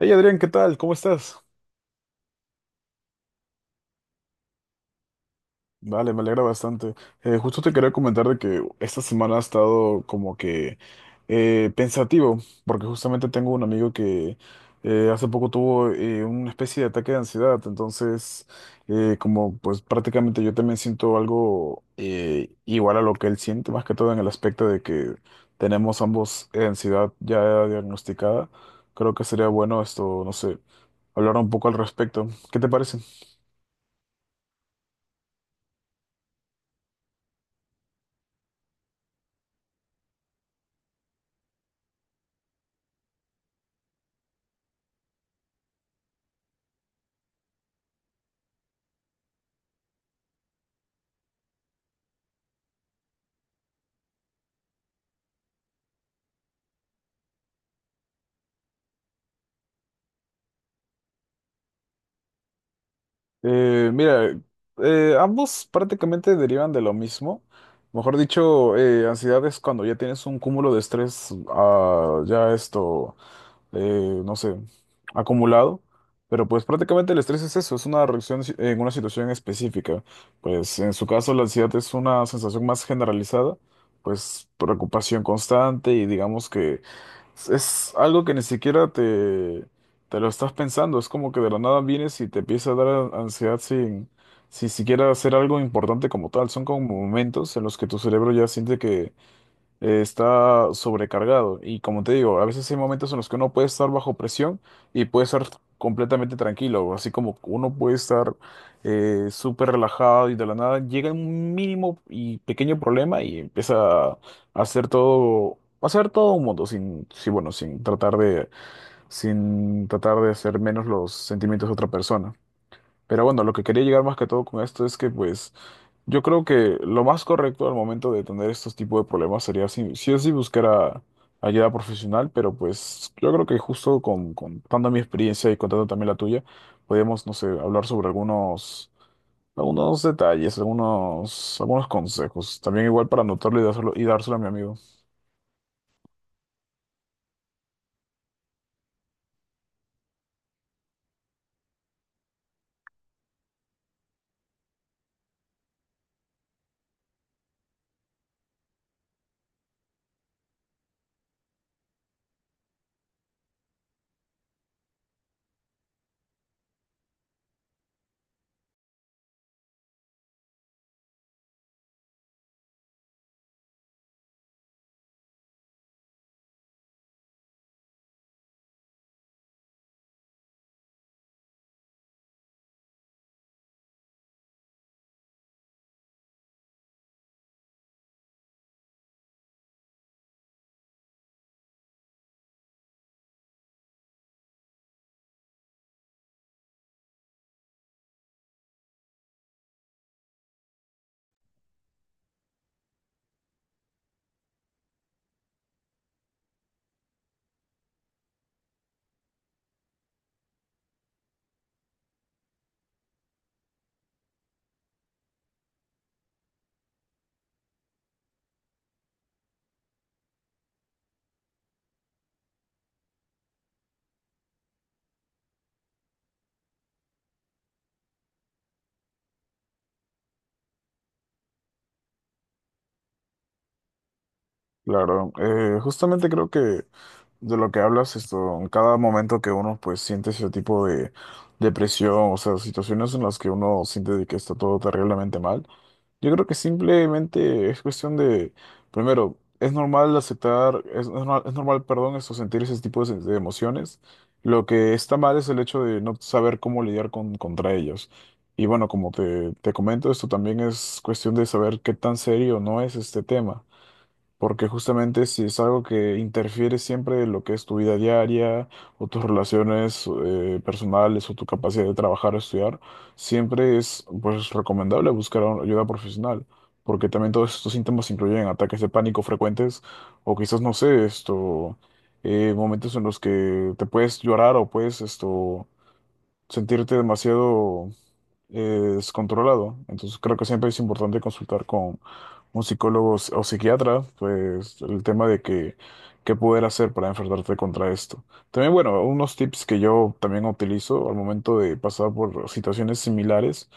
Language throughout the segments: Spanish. Hey Adrián, ¿qué tal? ¿Cómo estás? Vale, me alegra bastante. Justo te quería comentar de que esta semana ha estado como que pensativo, porque justamente tengo un amigo que hace poco tuvo una especie de ataque de ansiedad. Entonces como pues prácticamente yo también siento algo igual a lo que él siente, más que todo en el aspecto de que tenemos ambos ansiedad ya diagnosticada. Creo que sería bueno esto, no sé, hablar un poco al respecto. ¿Qué te parece? Mira, ambos prácticamente derivan de lo mismo. Mejor dicho, ansiedad es cuando ya tienes un cúmulo de estrés, ah, ya esto, no sé, acumulado. Pero pues prácticamente el estrés es eso, es una reacción en una situación específica. Pues en su caso la ansiedad es una sensación más generalizada, pues preocupación constante, y digamos que es algo que ni siquiera te lo estás pensando. Es como que de la nada vienes y te empieza a dar ansiedad sin siquiera hacer algo importante como tal. Son como momentos en los que tu cerebro ya siente que está sobrecargado. Y como te digo, a veces hay momentos en los que uno puede estar bajo presión y puede estar completamente tranquilo, así como uno puede estar súper relajado y de la nada llega un mínimo y pequeño problema y empieza a hacer todo un mundo sin, sí, bueno, sin tratar de sin tratar de hacer menos los sentimientos de otra persona. Pero bueno, lo que quería llegar más que todo con esto es que pues yo creo que lo más correcto al momento de tener estos tipos de problemas sería sí, sí o sí buscar ayuda profesional, pero pues yo creo que justo contando mi experiencia y contando también la tuya, podemos, no sé, hablar sobre algunos detalles, algunos consejos, también igual para anotarlo y dárselo a mi amigo. Claro, justamente creo que de lo que hablas, esto, en cada momento que uno pues siente ese tipo de depresión, o sea, situaciones en las que uno siente de que está todo terriblemente mal. Yo creo que simplemente es cuestión de, primero, es normal aceptar, es normal, perdón, eso, sentir ese tipo de emociones. Lo que está mal es el hecho de no saber cómo lidiar contra ellos. Y bueno, como te comento, esto también es cuestión de saber qué tan serio no es este tema. Porque justamente si es algo que interfiere siempre en lo que es tu vida diaria o tus relaciones personales o tu capacidad de trabajar o estudiar, siempre es pues recomendable buscar ayuda profesional, porque también todos estos síntomas incluyen ataques de pánico frecuentes o quizás, no sé, esto, momentos en los que te puedes llorar o puedes esto, sentirte demasiado es controlado. Entonces creo que siempre es importante consultar con un psicólogo o psiquiatra, pues el tema de que qué poder hacer para enfrentarte contra esto. También, bueno, unos tips que yo también utilizo al momento de pasar por situaciones similares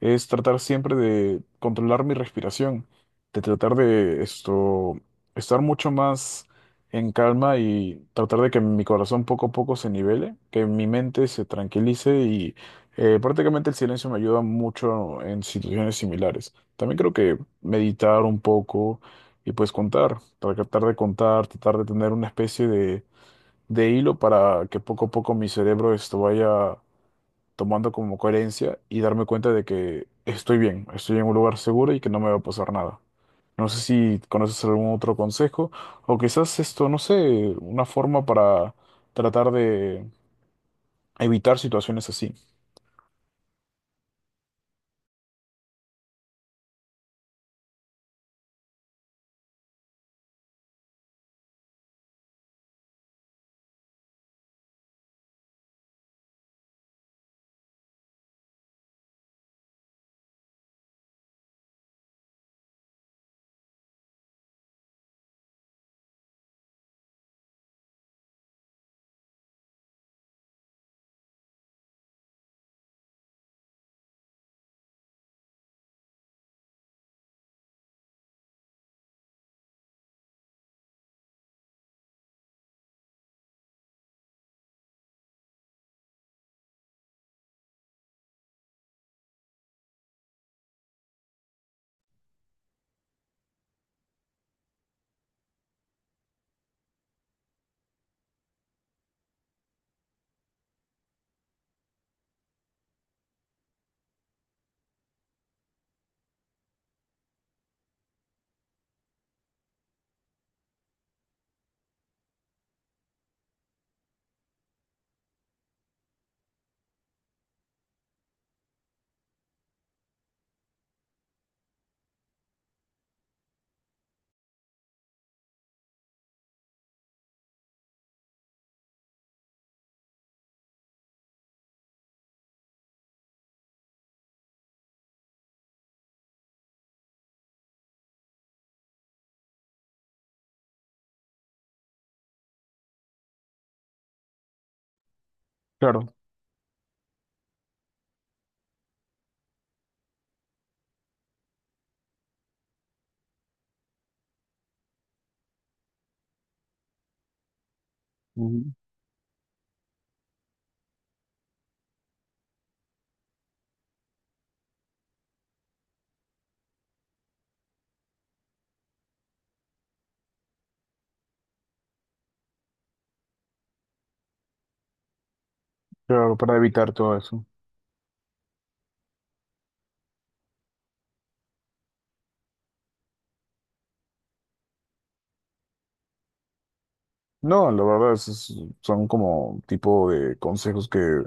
es tratar siempre de controlar mi respiración, de tratar de esto, estar mucho más en calma y tratar de que mi corazón poco a poco se nivele, que mi mente se tranquilice y prácticamente el silencio me ayuda mucho en situaciones similares. También creo que meditar un poco, y pues contar, tratar de tener una especie de hilo para que poco a poco mi cerebro esto vaya tomando como coherencia y darme cuenta de que estoy bien, estoy en un lugar seguro y que no me va a pasar nada. No sé si conoces algún otro consejo o quizás esto, no sé, una forma para tratar de evitar situaciones así. Claro. Ujú. Claro, para evitar todo eso. No, la verdad es son como tipo de consejos que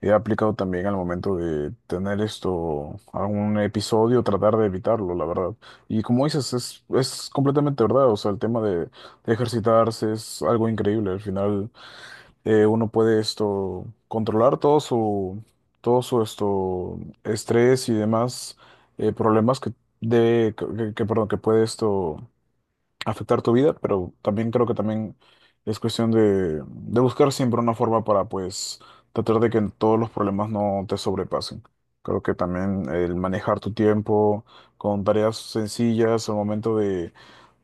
he aplicado también al momento de tener esto, algún episodio, tratar de evitarlo, la verdad. Y como dices, es completamente verdad, o sea, el tema de ejercitarse es algo increíble. Al final, uno puede esto, controlar todo todo su esto, estrés y demás problemas que perdón, que puede esto afectar tu vida, pero también creo que también es cuestión de buscar siempre una forma para, pues, tratar de que todos los problemas no te sobrepasen. Creo que también el manejar tu tiempo con tareas sencillas al momento de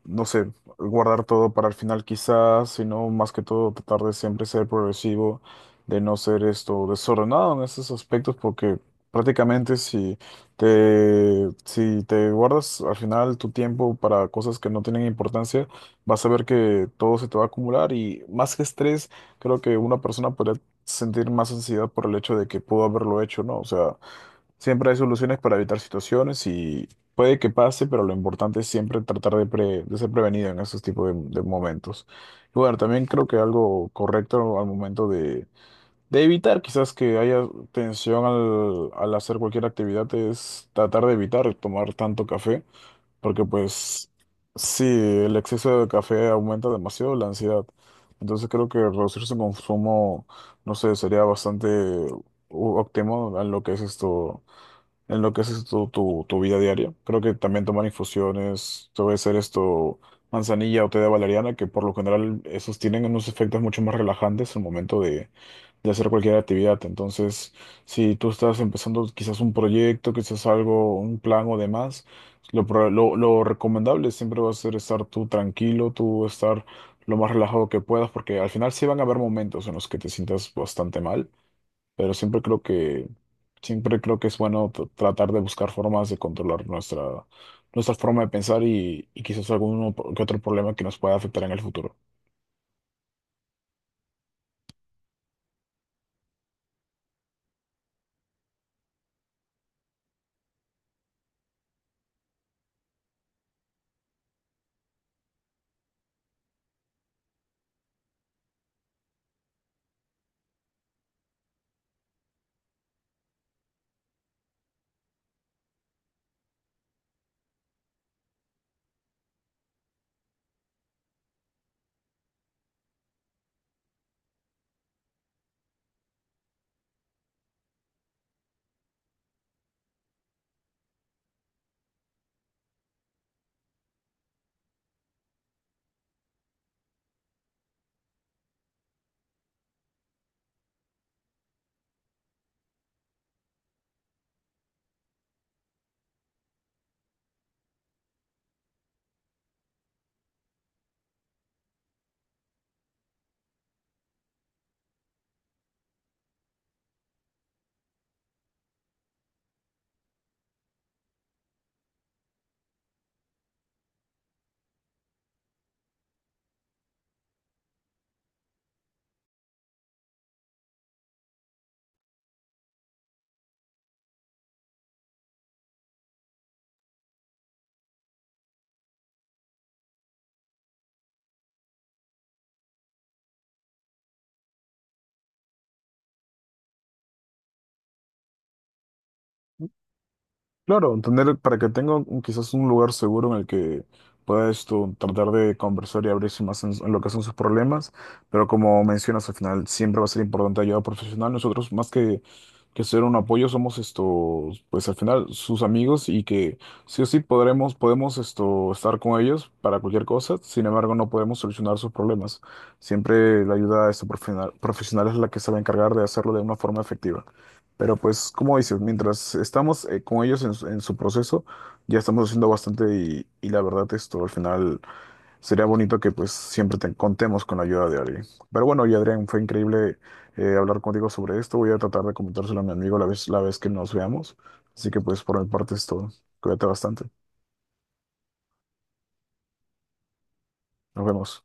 no sé, guardar todo para el final quizás, sino más que todo tratar de siempre ser progresivo, de no ser esto desordenado en esos aspectos, porque prácticamente si te guardas al final tu tiempo para cosas que no tienen importancia, vas a ver que todo se te va a acumular, y más que estrés, creo que una persona podría sentir más ansiedad por el hecho de que pudo haberlo hecho, ¿no? O sea... Siempre hay soluciones para evitar situaciones y puede que pase, pero lo importante es siempre tratar de ser prevenido en esos tipos de momentos. Y bueno, también creo que algo correcto al momento de evitar quizás que haya tensión al hacer cualquier actividad es tratar de evitar tomar tanto café, porque pues sí, el exceso de café aumenta demasiado la ansiedad. Entonces creo que reducir su consumo, no sé, sería bastante óptimo a lo que es esto en lo que es tu vida diaria. Creo que también toman infusiones, puede ser esto, manzanilla o té de valeriana, que por lo general esos tienen unos efectos mucho más relajantes al momento de hacer cualquier actividad. Entonces, si tú estás empezando quizás un proyecto, quizás algo, un plan o demás, lo recomendable siempre va a ser estar tú tranquilo, tú estar lo más relajado que puedas, porque al final sí van a haber momentos en los que te sientas bastante mal, pero siempre creo que es bueno tratar de buscar formas de controlar nuestra forma de pensar, y quizás algún que otro problema que nos pueda afectar en el futuro. Claro, tener para que tenga quizás un lugar seguro en el que puedas tú tratar de conversar y abrirse más en lo que son sus problemas, pero como mencionas al final siempre va a ser importante ayuda profesional. Nosotros más que ser un apoyo somos esto, pues al final sus amigos, y que sí o sí podremos podemos esto estar con ellos para cualquier cosa. Sin embargo, no podemos solucionar sus problemas. Siempre la ayuda de este profesional es la que se va a encargar de hacerlo de una forma efectiva. Pero pues, como dices, mientras estamos con ellos su en su proceso, ya estamos haciendo bastante, y la verdad esto al final sería bonito que pues siempre te contemos con la ayuda de alguien. Pero bueno, y Adrián, fue increíble hablar contigo sobre esto. Voy a tratar de comentárselo a mi amigo la vez que nos veamos. Así que pues por mi parte es todo. Cuídate bastante. Nos vemos.